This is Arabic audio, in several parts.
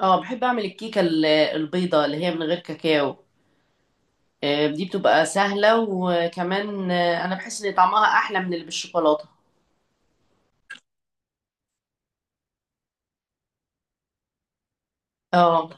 اه، بحب اعمل الكيكه البيضه اللي هي من غير كاكاو. دي بتبقى سهله وكمان انا بحس ان طعمها احلى من اللي بالشوكولاته. اه.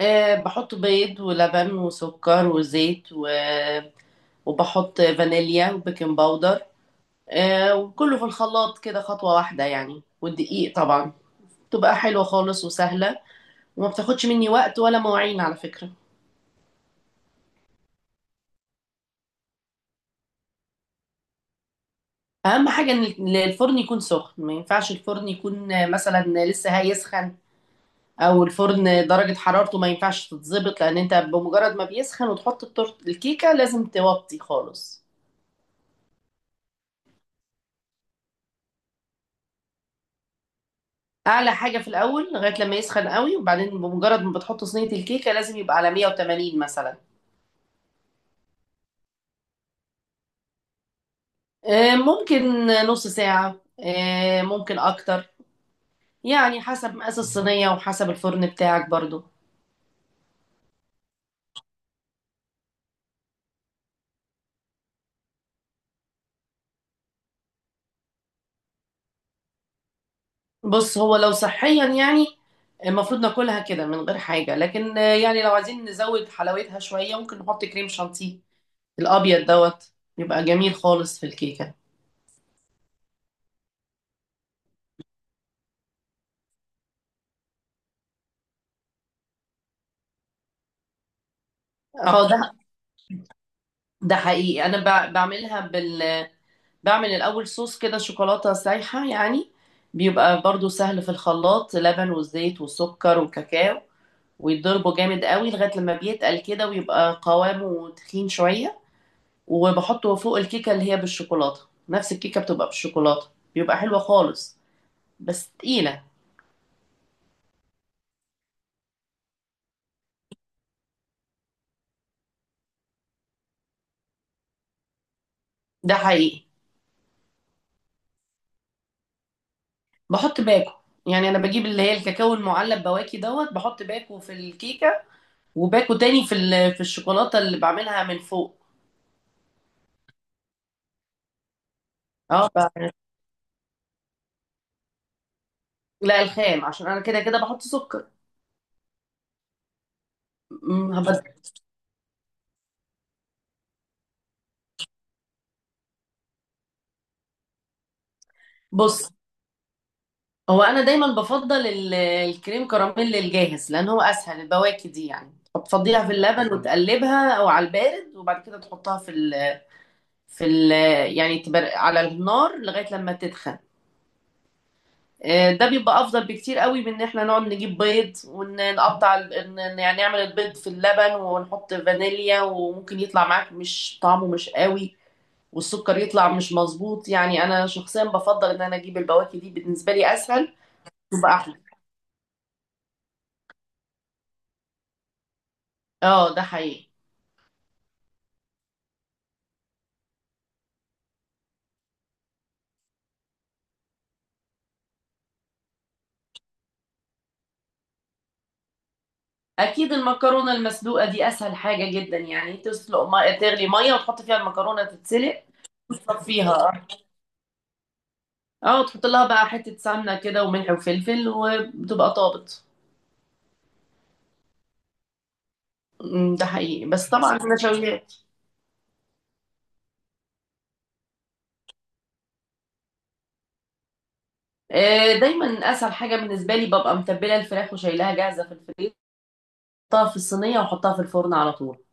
بحط بيض ولبن وسكر وزيت وبحط فانيليا وبيكنج باودر. وكله في الخلاط كده خطوه واحده يعني، والدقيق طبعا. بتبقى حلوه خالص وسهله، وما بتاخدش مني وقت ولا مواعين على فكره. اهم حاجه ان الفرن يكون سخن، ما ينفعش الفرن يكون مثلا لسه هيسخن او الفرن درجة حرارته ما ينفعش تتظبط، لان انت بمجرد ما بيسخن وتحط الكيكة لازم توطي خالص. اعلى حاجة في الاول لغاية لما يسخن قوي، وبعدين بمجرد ما بتحط صينية الكيكة لازم يبقى على 180 مثلا. ممكن نص ساعة، ممكن اكتر. يعني حسب مقاس الصينية وحسب الفرن بتاعك برضو. بص، هو لو صحيا يعني المفروض ناكلها كده من غير حاجة، لكن يعني لو عايزين نزود حلاوتها شوية ممكن نحط كريم شانتيه. الابيض دوت بيبقى جميل خالص في الكيكه. اه. ده حقيقي. انا بعمل الاول صوص كده شوكولاته سايحه يعني. بيبقى برضو سهل في الخلاط، لبن والزيت والسكر والكاكاو، ويتضربه جامد قوي لغايه لما بيتقل كده ويبقى قوامه تخين شويه، وبحطه فوق الكيكه اللي هي بالشوكولاته. نفس الكيكه بتبقى بالشوكولاته. بيبقى حلوه خالص، بس تقيله. ده حقيقي. بحط باكو. يعني انا بجيب اللي هي الكاكاو المعلب بواكي دوت، بحط باكو في الكيكه وباكو تاني في في الشوكولاته اللي بعملها من فوق. اه لا، الخام، عشان انا كده كده بحط سكر. هبدأ. بص، هو انا دايما بفضل الكريم كراميل الجاهز، لان هو اسهل. البواكي دي يعني بتفضيها في اللبن وتقلبها او على البارد، وبعد كده تحطها في ال في ال يعني على النار لغايه لما تدخن. ده بيبقى افضل بكتير قوي من ان احنا نقعد نجيب بيض ونقطع ال- إن- إن يعني نعمل البيض في اللبن ونحط فانيليا، وممكن يطلع معاك مش طعمه مش قوي والسكر يطلع مش مظبوط. يعني انا شخصيا بفضل ان انا اجيب البواكي، دي بالنسبه لي اسهل. تبقى احلى. اه، ده حقيقي. اكيد المكرونه المسلوقه دي اسهل حاجه جدا. يعني تسلق ما... تغلي ميه وتحط فيها المكرونه تتسلق وتصفيها. اه، تحط لها بقى حته سمنه كده وملح وفلفل، وبتبقى طابت. ده حقيقي. بس طبعا النشويات. دايما. اسهل حاجه بالنسبه لي ببقى متبله الفراخ وشايلاها جاهزه في الفريزر، احطها في الصينيه واحطها في الفرن على طول.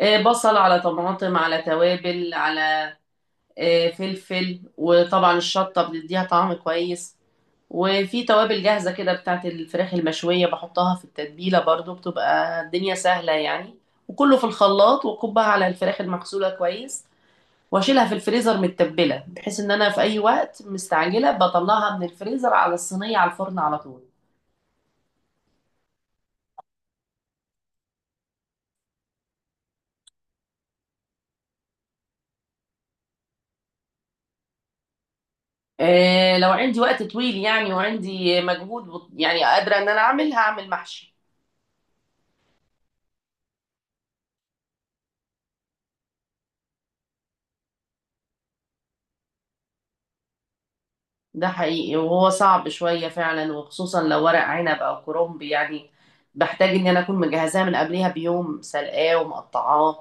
بصل على طماطم على توابل على فلفل، وطبعا الشطه بتديها طعم كويس، وفي توابل جاهزه كده بتاعت الفراخ المشويه بحطها في التتبيله برضو، بتبقى الدنيا سهله يعني. وكله في الخلاط وكبها على الفراخ المغسوله كويس، واشيلها في الفريزر متبله بحيث ان انا في اي وقت مستعجله بطلعها من الفريزر على الصينيه على الفرن على طول. إيه، لو عندي وقت طويل يعني وعندي مجهود يعني قادره ان انا اعمل، هعمل محشي. ده حقيقي، وهو صعب شويه فعلا، وخصوصا لو ورق عنب او كرنب يعني، بحتاج ان انا اكون مجهزاه من قبلها بيوم، سلقاه ومقطعاه.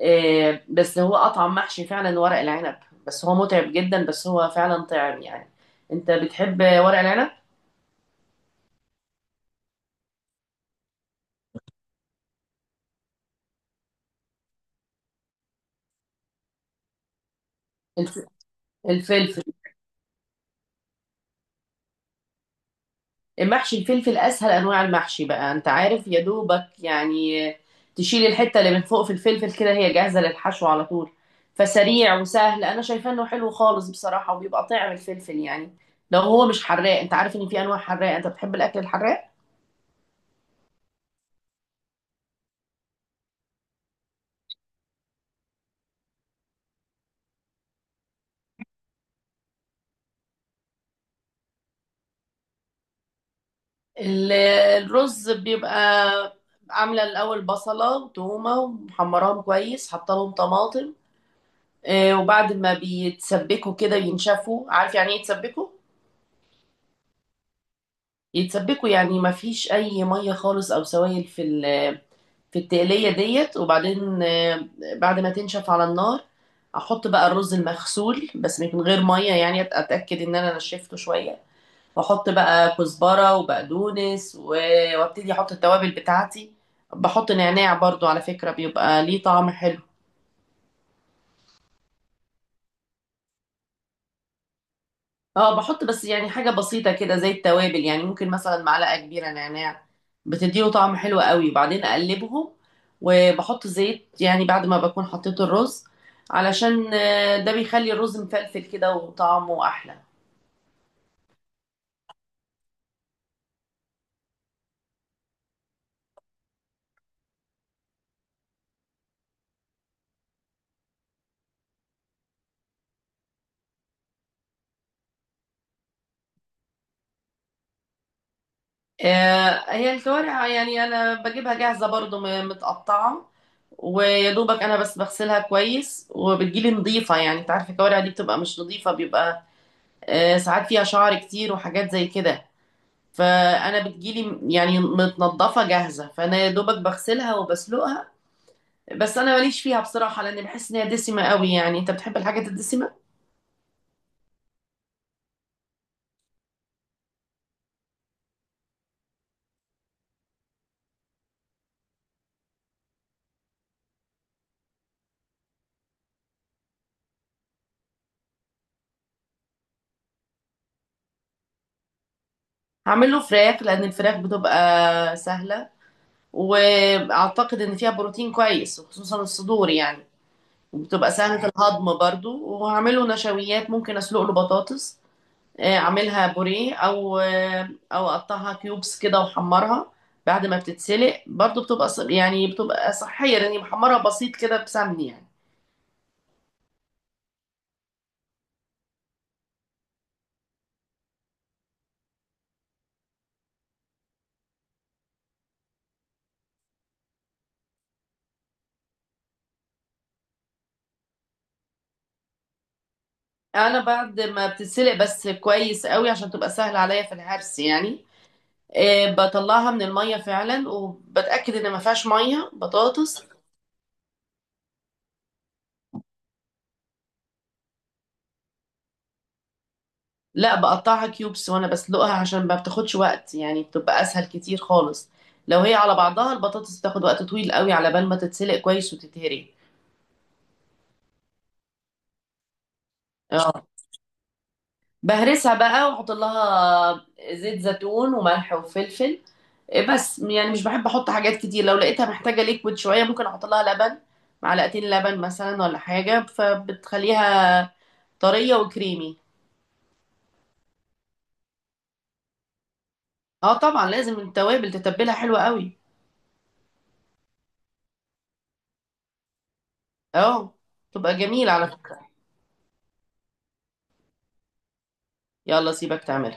إيه، بس هو اطعم محشي فعلا ورق العنب. بس هو متعب جدا، بس هو فعلا طعم يعني. انت بتحب ورق العنب؟ الف- الفلفل. محشي الفلفل اسهل انواع المحشي بقى، انت عارف، يا دوبك يعني تشيل الحته اللي من فوق في الفلفل كده، هي جاهزه للحشو على طول، فسريع وسهل. انا شايفاه انه حلو خالص بصراحه، وبيبقى طعم الفلفل يعني لو هو مش حراق. انت عارف ان في انواع حراق؟ انت بتحب الاكل الحراق؟ ال- الرز بيبقى عامله الاول بصله وتومه، ومحمراهم كويس، حاطه لهم طماطم. وبعد ما بيتسبكوا كده، ينشفوا. عارف يعني ايه يتسبكوا؟ يتسبكوا يعني ما فيش اي ميه خالص او سوائل في في التقليه ديت. وبعدين بعد ما تنشف على النار احط بقى الرز المغسول، بس من غير ميه يعني، اتاكد ان انا نشفته شويه، واحط بقى كزبره وبقدونس، وابتدي احط التوابل بتاعتي. بحط نعناع برضو على فكره، بيبقى ليه طعم حلو. اه، بحط بس يعني حاجة بسيطة كده زي التوابل، يعني ممكن مثلا معلقة كبيرة نعناع، بتديله طعم حلو قوي. وبعدين اقلبهم، وبحط زيت يعني بعد ما بكون حطيت الرز، علشان ده بيخلي الرز مفلفل كده وطعمه احلى. هي الكوارع يعني انا بجيبها جاهزة برضو متقطعة، ويا دوبك انا بس بغسلها كويس وبتجيلي نظيفة. يعني انت عارفة الكوارع دي بتبقى مش نظيفة، بيبقى ساعات فيها شعر كتير وحاجات زي كده، فانا بتجيلي يعني متنضفه جاهزه، فانا يا دوبك بغسلها وبسلقها. بس انا ماليش فيها بصراحه، لان بحس ان هي دسمه قوي. يعني انت بتحب الحاجات الدسمه؟ هعمل له فراخ، لان الفراخ بتبقى سهله، واعتقد ان فيها بروتين كويس وخصوصا الصدور يعني، وبتبقى سهله الهضم برضو. وهعمله نشويات، ممكن اسلق له بطاطس، اعملها بوريه او او اقطعها كيوبس كده واحمرها بعد ما بتتسلق برضو، بتبقى يعني بتبقى صحية لاني محمرة بسيط كده بسمن يعني. انا بعد ما بتتسلق بس كويس قوي عشان تبقى سهلة عليا في الهرس يعني، بطلعها من المية فعلا، وبتأكد ان ما فيهاش مية بطاطس. لا، بقطعها كيوبس وانا بسلقها عشان ما بتاخدش وقت، يعني بتبقى اسهل كتير خالص. لو هي على بعضها البطاطس بتاخد وقت طويل قوي على بال ما تتسلق كويس وتتهري. اه، بهرسها بقى واحط لها زيت زيتون وملح وفلفل. إيه، بس يعني مش بحب احط حاجات كتير. لو لقيتها محتاجه ليكويد شويه ممكن احط لها لبن، معلقتين لبن مثلا ولا حاجه، فبتخليها طريه وكريمي. اه، طبعا لازم التوابل تتبلها حلوه قوي. اه، تبقى جميله على فكره. يلا سيبك تعمل.